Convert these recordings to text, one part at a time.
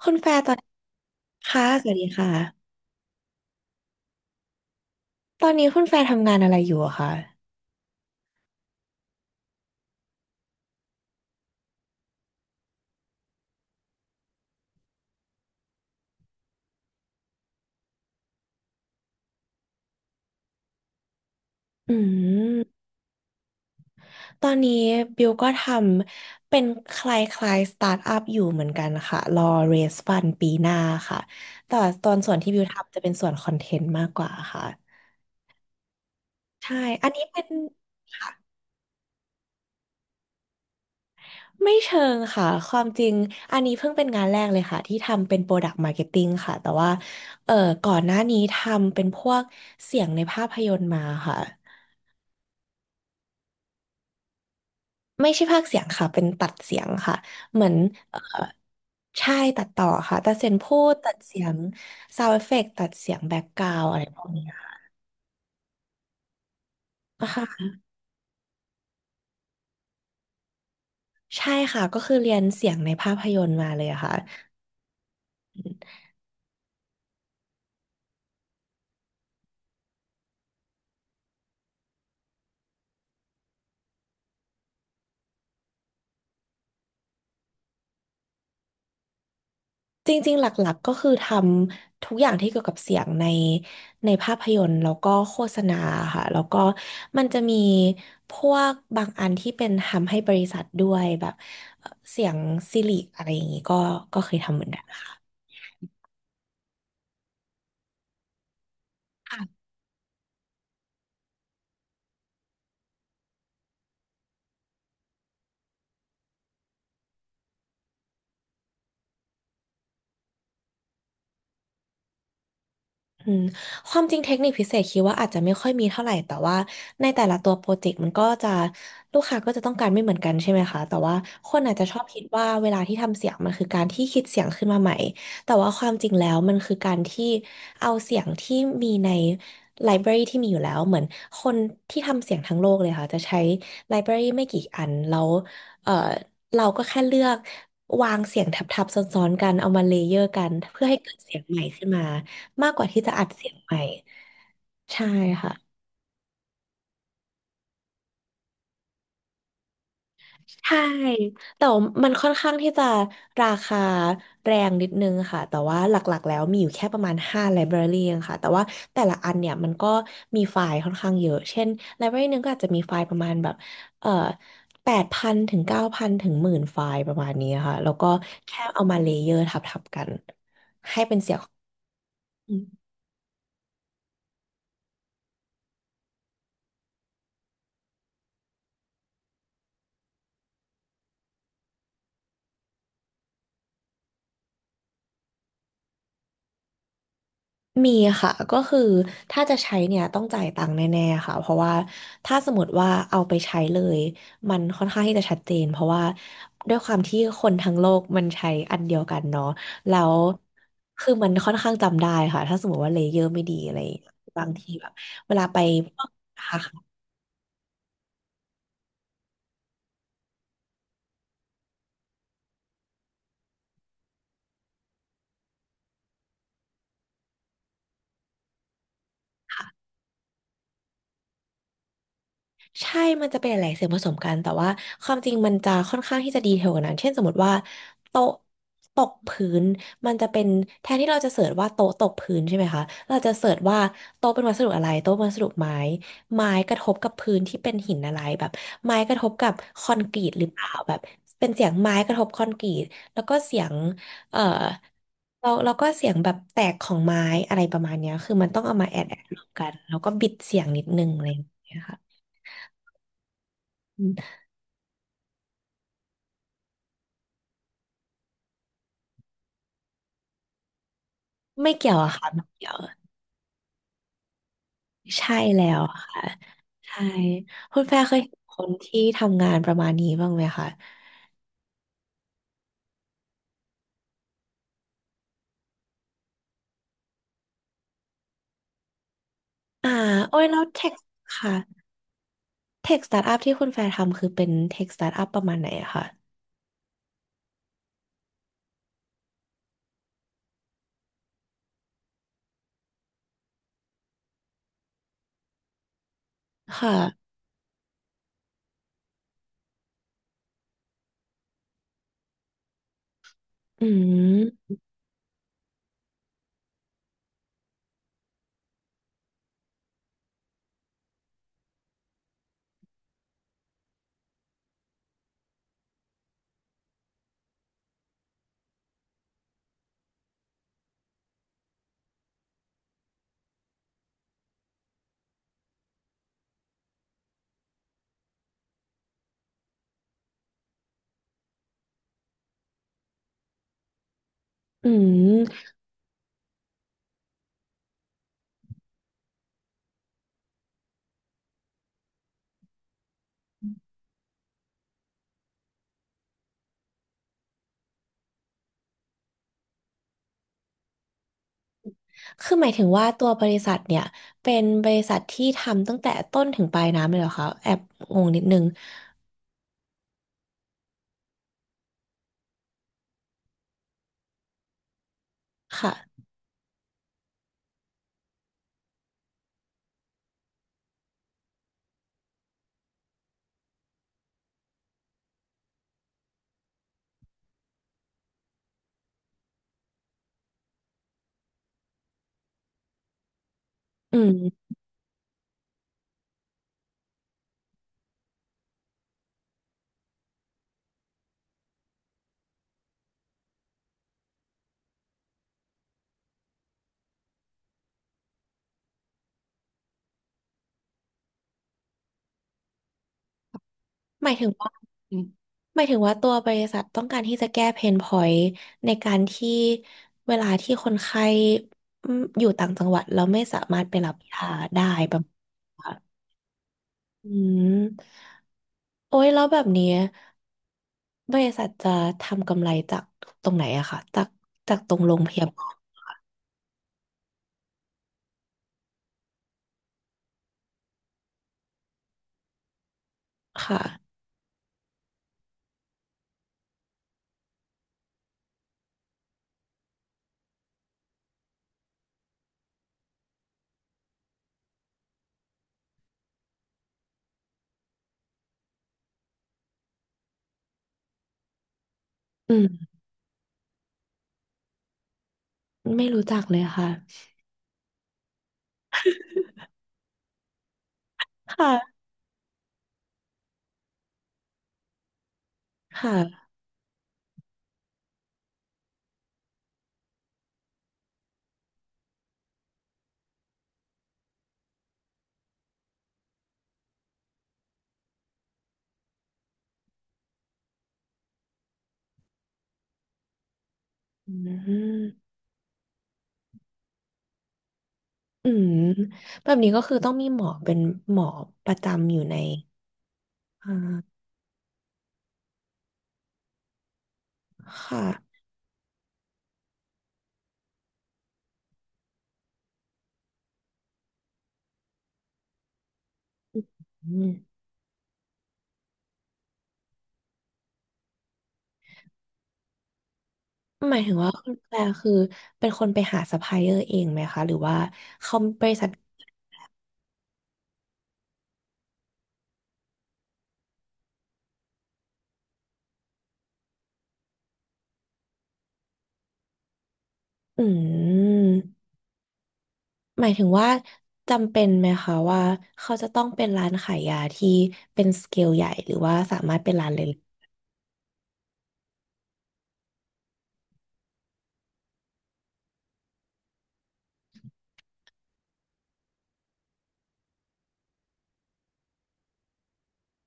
คุณแฟร์ตอนค่ะสวัสดีค่ะตอนนี้คุณแฟร์ทำงานอะไรอยู่อะคะอืมตอนนี้บิวก็ทำเป็นคล้ายๆสตาร์ทอัพอยู่เหมือนกันค่ะรอเรสฟันปีหน้าค่ะแต่ว่าตอนส่วนที่บิวทำจะเป็นส่วนคอนเทนต์มากกว่าค่ะใช่อันนี้เป็นค่ะไม่เชิงค่ะความจริงอันนี้เพิ่งเป็นงานแรกเลยค่ะที่ทำเป็น Product Marketing ค่ะแต่ว่าเอ่อก่อนหน้านี้ทำเป็นพวกเสียงในภาพยนตร์มาค่ะ ไม่ใช่พากย์เสียงค่ะเป็นตัดเสียงค่ะ เหมือนเอ่อใช่ตัดต่อค่ะตัดเสียงพูดตัดเสียงซาวด์เอฟเฟกต์ตัดเสียงแบ็กกราวอะไรพวกนี้ค่ะค่ะใช่ค่ะก็คือเรียนเสียงในภาพยนตร์มาเลยค่ะจริงๆหลักๆก็คือทำทุกอย่างที่เกี่ยวกับเสียงในในภาพยนตร์แล้วก็โฆษณาค่ะแล้วก็มันจะมีพวกบางอันที่เป็นทำให้บริษัทด้วยแบบเสียงซิลิกอะไรอย่างนี้ก็ก็เคยทำเหมือนกันค่ะ อืมความจริงเทคนิคพิเศษคิดว่าอาจจะไม่ค่อยมีเท่าไหร่แต่ว่าในแต่ละตัวโปรเจกต์มันก็จะลูกค้าก็จะต้องการไม่เหมือนกันใช่ไหมคะแต่ว่าคนอาจจะชอบคิดว่าเวลาที่ทำเสียงมันคือการที่คิดเสียงขึ้นมาใหม่แต่ว่าความจริงแล้วมันคือการที่เอาเสียงที่มีในไลบรารีที่มีอยู่แล้วเหมือนคนที่ทำเสียงทั้งโลกเลยค่ะจะใช้ไลบรารีไม่กี่อันแล้วเอ่อเราก็แค่เลือกวางเสียงทับๆซ้อนๆกันเอามาเลเยอร์กันเพื่อให้เกิดเสียงใหม่ขึ้นมา มากกว่าที่จะอัดเสียงใหม่ใช่ค่ะใช่แต่ว่ามันค่อนข้างที่จะราคาแรงนิดนึงค่ะแต่ว่าหลักๆแล้วมีอยู่แค่ประมาณ5 library เองค่ะแต่ว่าแต่ละอันเนี่ยมันก็มีไฟล์ค่อนข้างเยอะเช่น library หนึงก็อาจจะมีไฟล์ประมาณแบบเอ่อแปดพันถึงเก้าพันถึงหมื่นไฟล์ประมาณนี้ค่ะแล้วก็แค่เอามาเลเยอร์ทับๆกัน มีค่ะก็คือถ้าจะใช้เนี่ยต้องจ่ายตังค์แน่ๆค่ะเพราะว่าถ้าสมมติว่าเอาไปใช้เลยมันค่อนข้างที่จะชัดเจนเพราะว่าด้วยความที่คนทั้งโลกมันใช้อันเดียวกันเนาะแล้วคือมันค่อนข้างจำได้ค่ะถ้าสมมติว่าเลเยอร์ไม่ดีอะไรอย่างเงี้ยบางทีแบบเวลาไปพวกค่ะ ใช่มันจะเป็นหลายๆเสียงผสมกัน แต่ว่าความจริงมันจะค่อนข้างที่จะดีเทลกว่านั้นเช่นสมมติว่าโต๊ะตกพื้นมันจะเป็นแทนที่เราจะเสิร์ชว่าโต๊ะตกพื้นใช่ไหมคะเราจะเสิร์ชว่าโต๊ะเป็นวัสดุอะไรโต๊ะเป็นวัสดุไม้ไม้กระทบกับพื้นที่เป็นหินอะไรแบบไม้กระทบกับคอนกรีตหรือเปล่าแบบเป็นเสียงไม้กระทบคอนกรีตแล้วก็เสียงเอ่อเราก็เสียงแบบแตกของไม้อะไรประมาณเนี้ยคือมันต้องเอามาแอดรวมกันแล้วก็บิดเสียงนิดนึงอะไรอย่างเงี้ยค่ะ ไม่เกี่ยวอะค่ะไม่เกี่ยวใช่แล้วค่ะใช่คุณแฟร์เคยเห็นคนที่ทำงานประมาณนี้บ้างไหมคะอ่าโอ้ยแล้วเทคค่ะเทคสตาร์ทอัพที่คุณแฟร์ทำคือเป็นเทคสตาร์ทอัพประมาณไหนอะคะค่ะอืมอืมคือหมายถึงว่าตัวบริษัทเนี่ยเป็นบริษัทที่ทำตั้งแต่ต้นถึงปลายน้ำเลยเหรอคะแอบงงนิดนึงค่ะอืม หมายถึงว่าอืมหมายถึงว่าตัวบริษัทต้องการที่จะแก้เพนพอยต์ในการที่เวลาที่คนไข้อืมอยู่ต่างจังหวัดแล้วไม่สามารถไปรับยาได้ประมาณนี้ค่ะอืมโอ้ยแล้วแบบนี้บริษัทจะทำกำไรจากตรงไหนอะค่ะจากจากตรงโรงพยาบาลค่ะอืมไม่รู้จักเลยค่ะค่ะค่ะอืม อืมแบบนี้ก็คือต้องมีหมอเป็นหมอประจำอยู่ในอ่าค่ะอืมหมายถึงว่าคุณแปลคือเป็นคนไปหาซัพพลายเออร์เองไหมคะหรือว่าเขาบริษัทอืมหมายถึงว่าจำเป็นไหมคะว่าเขาจะต้องเป็นร้านขายยาที่เป็นสเกลใหญ่หรือว่าสามารถเป็นร้านเล็ก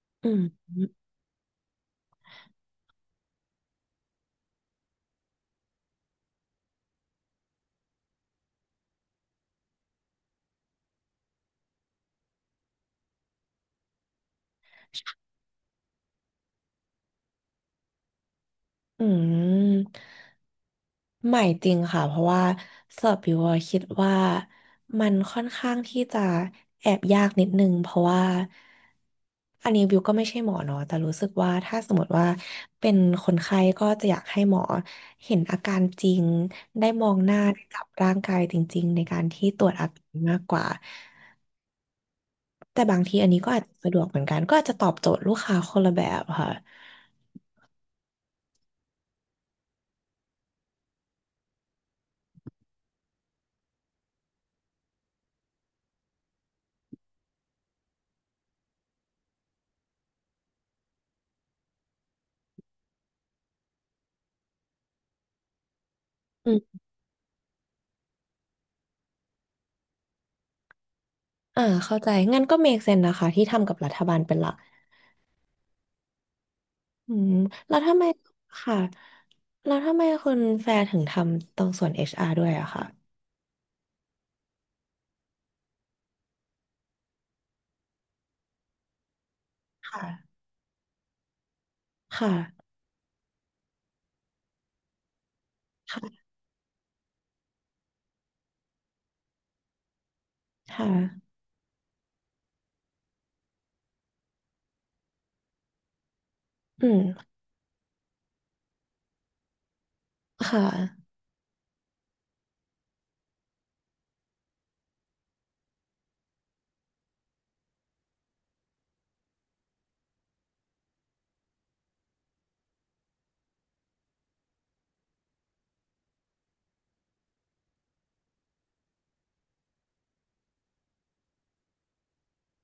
ๆอืม อืมใหม่จริงค่ะเพราะว่าสอบบิวอะคิดว่ามันค่อนข้างที่จะแอบยากนิดนึงเพราะว่าอันนี้บิวก็ไม่ใช่หมอเนาะแต่รู้สึกว่าถ้าสมมติว่าเป็นคนไข้ก็จะอยากให้หมอเห็นอาการจริงได้มองหน้าได้จับร่างกายจริงๆในการที่ตรวจอาการมากกว่าแต่บางทีอันนี้ก็อาจจะสะดวกเหมือนกันก็อาจจะตอบโจทย์ลูกค้าคนละแบบค่ะ อ่าเข้าใจงั้นก็ make sense นะคะที่ทำกับรัฐบาลเป็นหลักอืมแล้วทำไมค่ะแล้วทำไมคุณแฟร์ถึงทำตรงส่วน HR ด้วยอะค่ะค่ะค่ะค่ะค่ะอืมค่ะ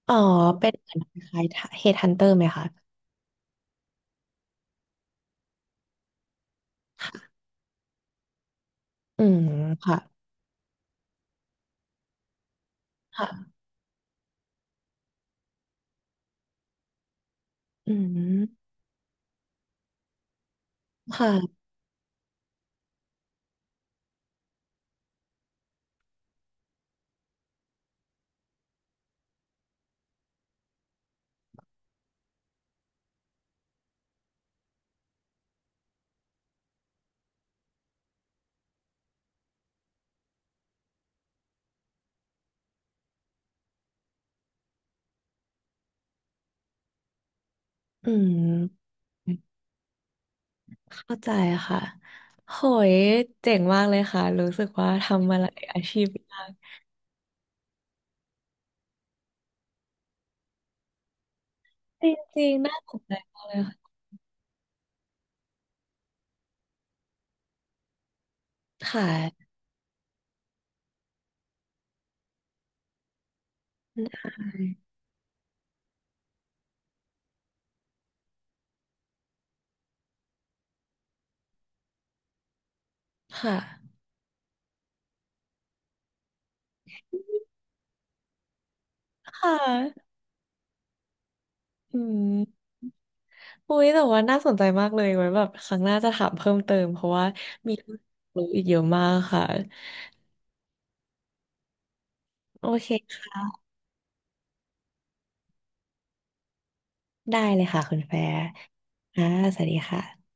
อ๋อเป็นเหมือนคล้ายๆ headhunter ไหมคะค่ะอืมค่ะค่ะอืมค่ะอืมเข้าใจค่ะโหยเจ๋งมากเลยค่ะรู้สึกว่าทำมาหลายอาชีพมากจริงๆน่าสนใจมากเลยค่ะค่ะ ค่ะค่ะอืมอุ้ยแต่ว่าน่าสนใจมากเลยไว้แบบครั้งหน้าจะถามเพิ่มเติมเพราะว่ามีเรื่องรู้อีกเยอะมากค่ะ โอเคค่ะ ได้เลยค่ะคุณแฟร์ค่ะ